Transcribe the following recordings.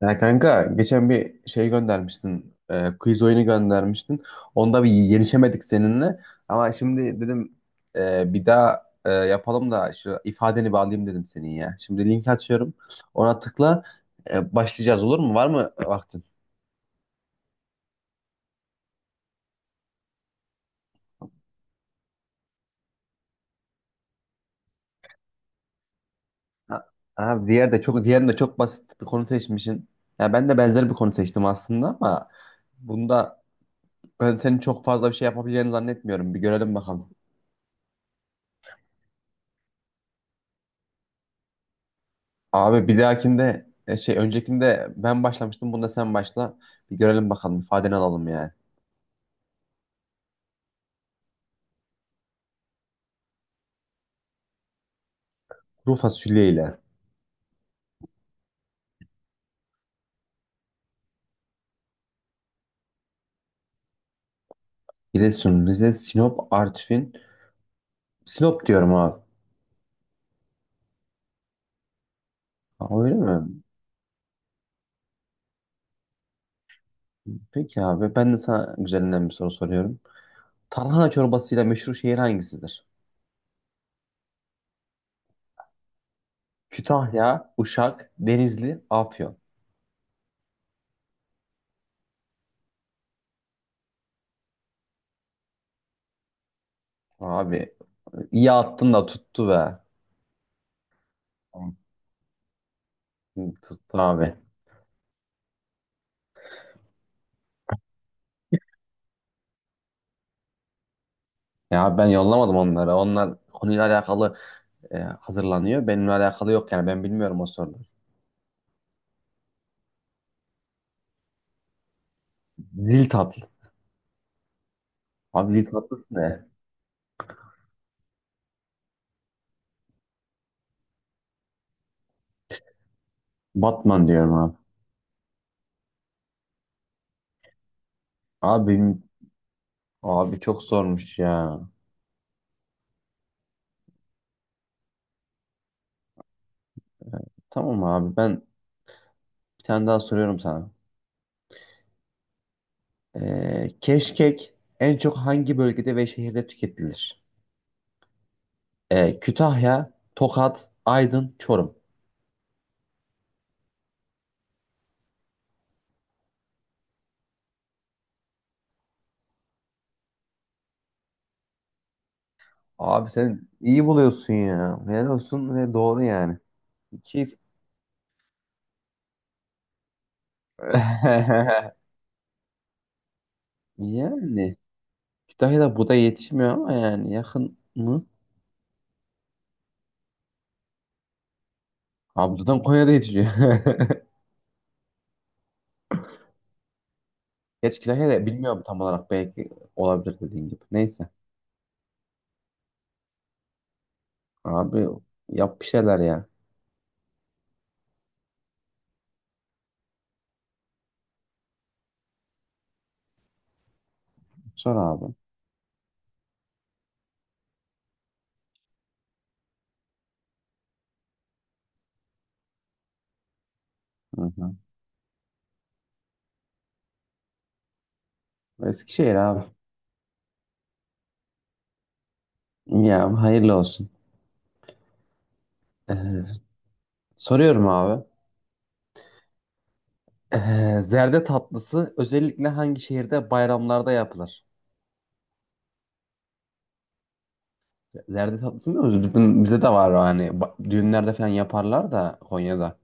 Ya kanka geçen bir şey göndermiştin. Quiz oyunu göndermiştin. Onda bir yenişemedik seninle. Ama şimdi dedim bir daha yapalım da şu ifadeni bağlayayım dedim senin ya. Şimdi linki açıyorum. Ona tıkla başlayacağız, olur mu? Var mı vaktin? Ha, Abi diğerinde de çok basit bir konu seçmişsin. Ya ben de benzer bir konu seçtim aslında ama bunda ben senin çok fazla bir şey yapabileceğini zannetmiyorum. Bir görelim bakalım. Abi bir dahakinde öncekinde ben başlamıştım. Bunda sen başla. Bir görelim bakalım. İfadeni alalım yani. Kuru fasulye ile Giresun, Rize, Sinop, Artvin. Sinop diyorum abi. Aa, öyle mi? Peki abi ben de sana güzelinden bir soru soruyorum. Tarhana çorbasıyla meşhur şehir hangisidir? Kütahya, Uşak, Denizli, Afyon. Abi iyi attın da tuttu be. Tuttu abi. Ya ben yollamadım onları. Onlar konuyla alakalı hazırlanıyor. Benimle alakalı yok yani ben bilmiyorum o soruları. Zil tatlı. Abi zil tatlısı ne? Batman diyorum abi. Abi, abi çok zormuş ya. Tamam abi ben bir tane daha soruyorum sana. Keşkek en çok hangi bölgede ve şehirde tüketilir? Kütahya, Tokat, Aydın, Çorum. Abi sen iyi buluyorsun ya. Helal olsun ve doğru yani. İki is- Yani Kütahya'da buğday yetişmiyor ama yani yakın mı? Abi zaten Konya'da yetişiyor. Geç Kütahya da bilmiyorum tam olarak, belki olabilir dediğin gibi. Neyse. Abi yap bir şeyler ya. Sor abi. Hı hı. Eskişehir abi. Ya hayırlı olsun. Ee, soruyorum abi. Zerde tatlısı özellikle hangi şehirde bayramlarda yapılır? Zerde tatlısı mı? Bize de var o hani düğünlerde falan yaparlar da Konya'da.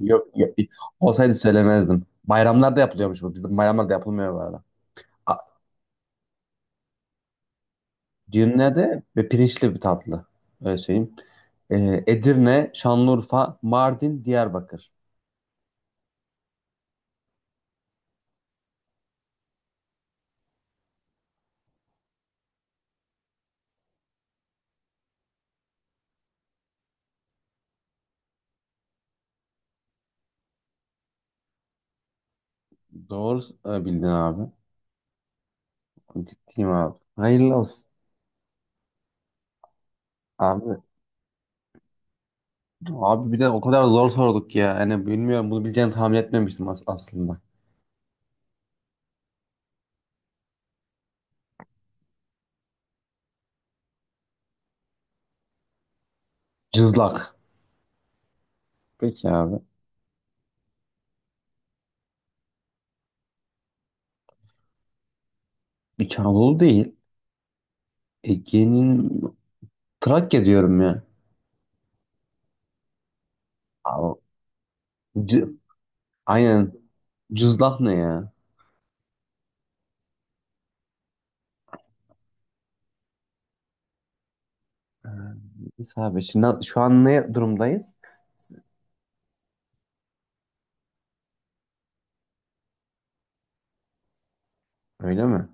Yok, yok. Olsaydı söylemezdim. Bayramlarda yapılıyormuş bu. Bizim bayramlarda yapılmıyor bu arada. Dürne ve pirinçli bir tatlı. Öyle söyleyeyim. Edirne, Şanlıurfa, Mardin, Diyarbakır. Doğru bildin abi. Gittiğim abi. Hayırlı olsun. Abi, abi bir de o kadar zor sorduk ya. Hani bilmiyorum bunu bileceğini tahmin etmemiştim aslında. Cızlak. Peki abi. İç Anadolu değil. Ege'nin Trakya diyorum ya. Abi, C- Aynen. Cızlak ne ya? Ee, Neyse abi şimdi şu an ne durumdayız? Öyle mi?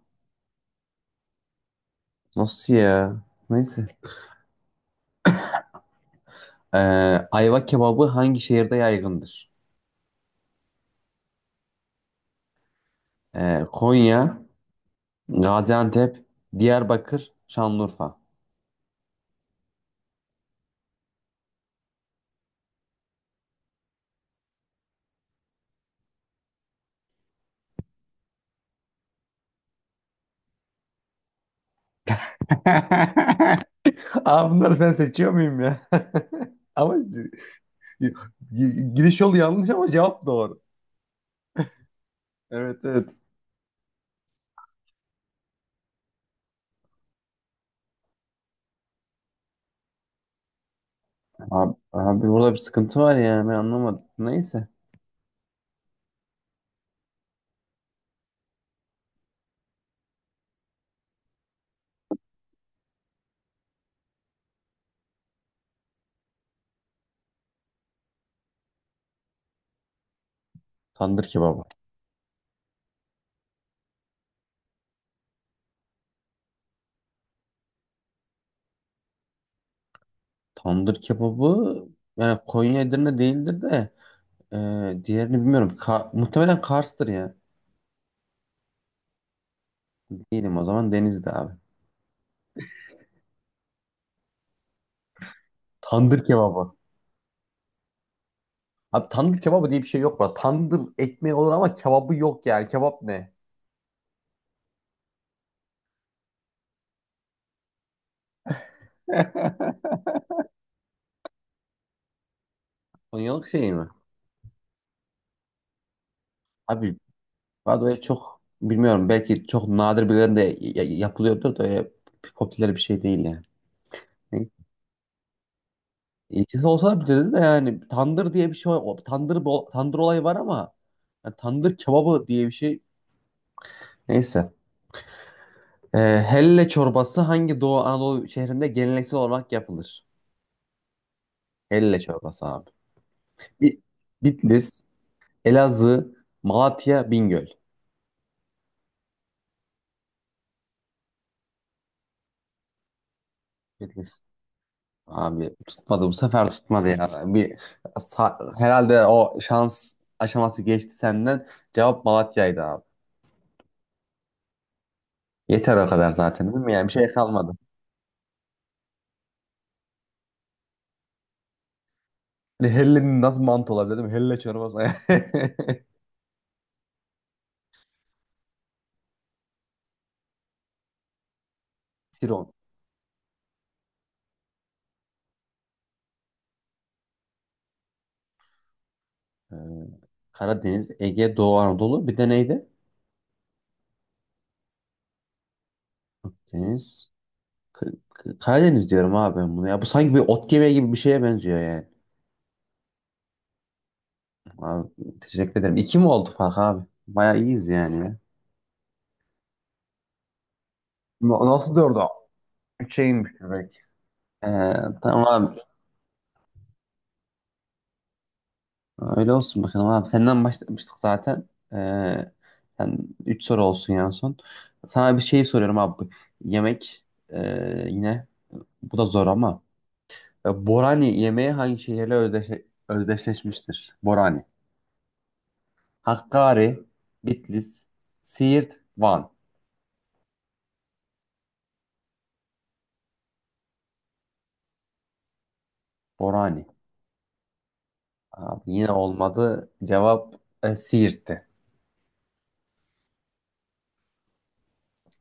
Nasıl ya? Neyse. Ee, ayva kebabı hangi şehirde yaygındır? Konya, Gaziantep, Diyarbakır, Şanlıurfa. Aa, bunları ben seçiyor muyum ya? Ama gidiş yolu yanlış ama cevap doğru. Evet, evet. Abi burada bir sıkıntı var ya, ben anlamadım. Neyse. Tandır kebabı. Tandır kebabı yani Konya Edirne değildir de e, diğerini bilmiyorum. Muhtemelen Kars'tır ya. Diyelim o zaman Denizli abi. Tandır kebabı. Abi tandır kebabı diye bir şey yok bu arada. Tandır ekmeği olur ama kebabı yok yani. Kebap ne? Konyalık şey mi? Abi Vado'ya çok bilmiyorum. Belki çok nadir bir yerde yapılıyordur da öyle popüler bir şey değil yani. Ne? İlçesi olsa bir dedi de yani tandır diye bir şey tandır olayı var ama yani tandır kebabı diye bir şey neyse. Ee, helle çorbası hangi Doğu Anadolu şehrinde geleneksel olarak yapılır? Helle çorbası abi. Bi- Bitlis, Elazığ, Malatya, Bingöl. Bitlis. Abi tutmadı, bu sefer tutmadı ya. Bir herhalde o şans aşaması geçti senden. Cevap Malatya'ydı abi. Yeter o kadar zaten, değil mi? Yani bir şey kalmadı. Hani hellenin nasıl mantı olabilir değil mi? Helle çorbası. Siron. Ee, Karadeniz, Ege, Doğu Anadolu. Bir de neydi? Deniz. K- Karadeniz diyorum abi ben bunu ya. Bu sanki bir ot yemeği gibi bir şeye benziyor yani. Abi, teşekkür ederim. İki mi oldu fark abi? Bayağı iyiyiz yani ya. Nasıl dördü? Üçe inmiş direkt. Ee, tamam abi. Öyle olsun bakalım abi. Senden başlamıştık zaten. Sen üç soru olsun yani son. Sana bir şey soruyorum abi. Yemek yine. Bu da zor ama. Borani yemeği hangi şehirle özdeşleşmiştir? Borani. Hakkari, Bitlis, Siirt, Van. Borani. Abi yine olmadı. Cevap Siirt'ti.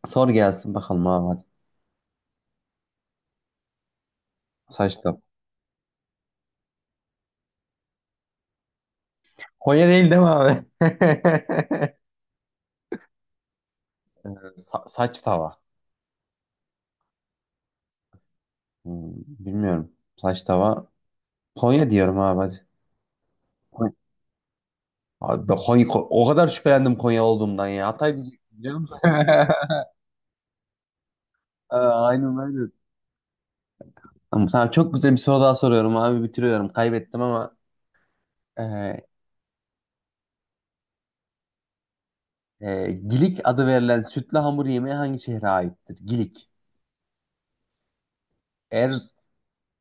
Sor gelsin bakalım abi hadi. Saç da. Konya değil değil mi abi? Saç tava. Hmm, bilmiyorum. Saç tava. Konya diyorum abi hadi. Konya. Abi ben o kadar şüphelendim Konya olduğumdan ya. Hatay diyecektim, biliyor musun? Aa, aynen, aynen. Tamam, sana çok güzel bir soru daha soruyorum abi. Bitiriyorum. Kaybettim ama. e, Gilik adı verilen sütlü hamur yemeği hangi şehre aittir? Gilik. Erz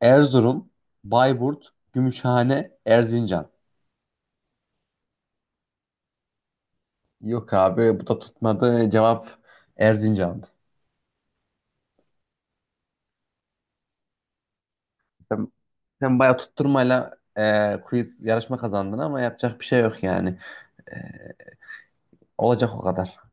Erzurum, Bayburt, Gümüşhane, Erzincan. Yok abi, bu da tutmadı. Cevap Erzincan'dı. Sen, sen bayağı tutturmayla quiz yarışma kazandın ama yapacak bir şey yok yani. E, olacak o kadar.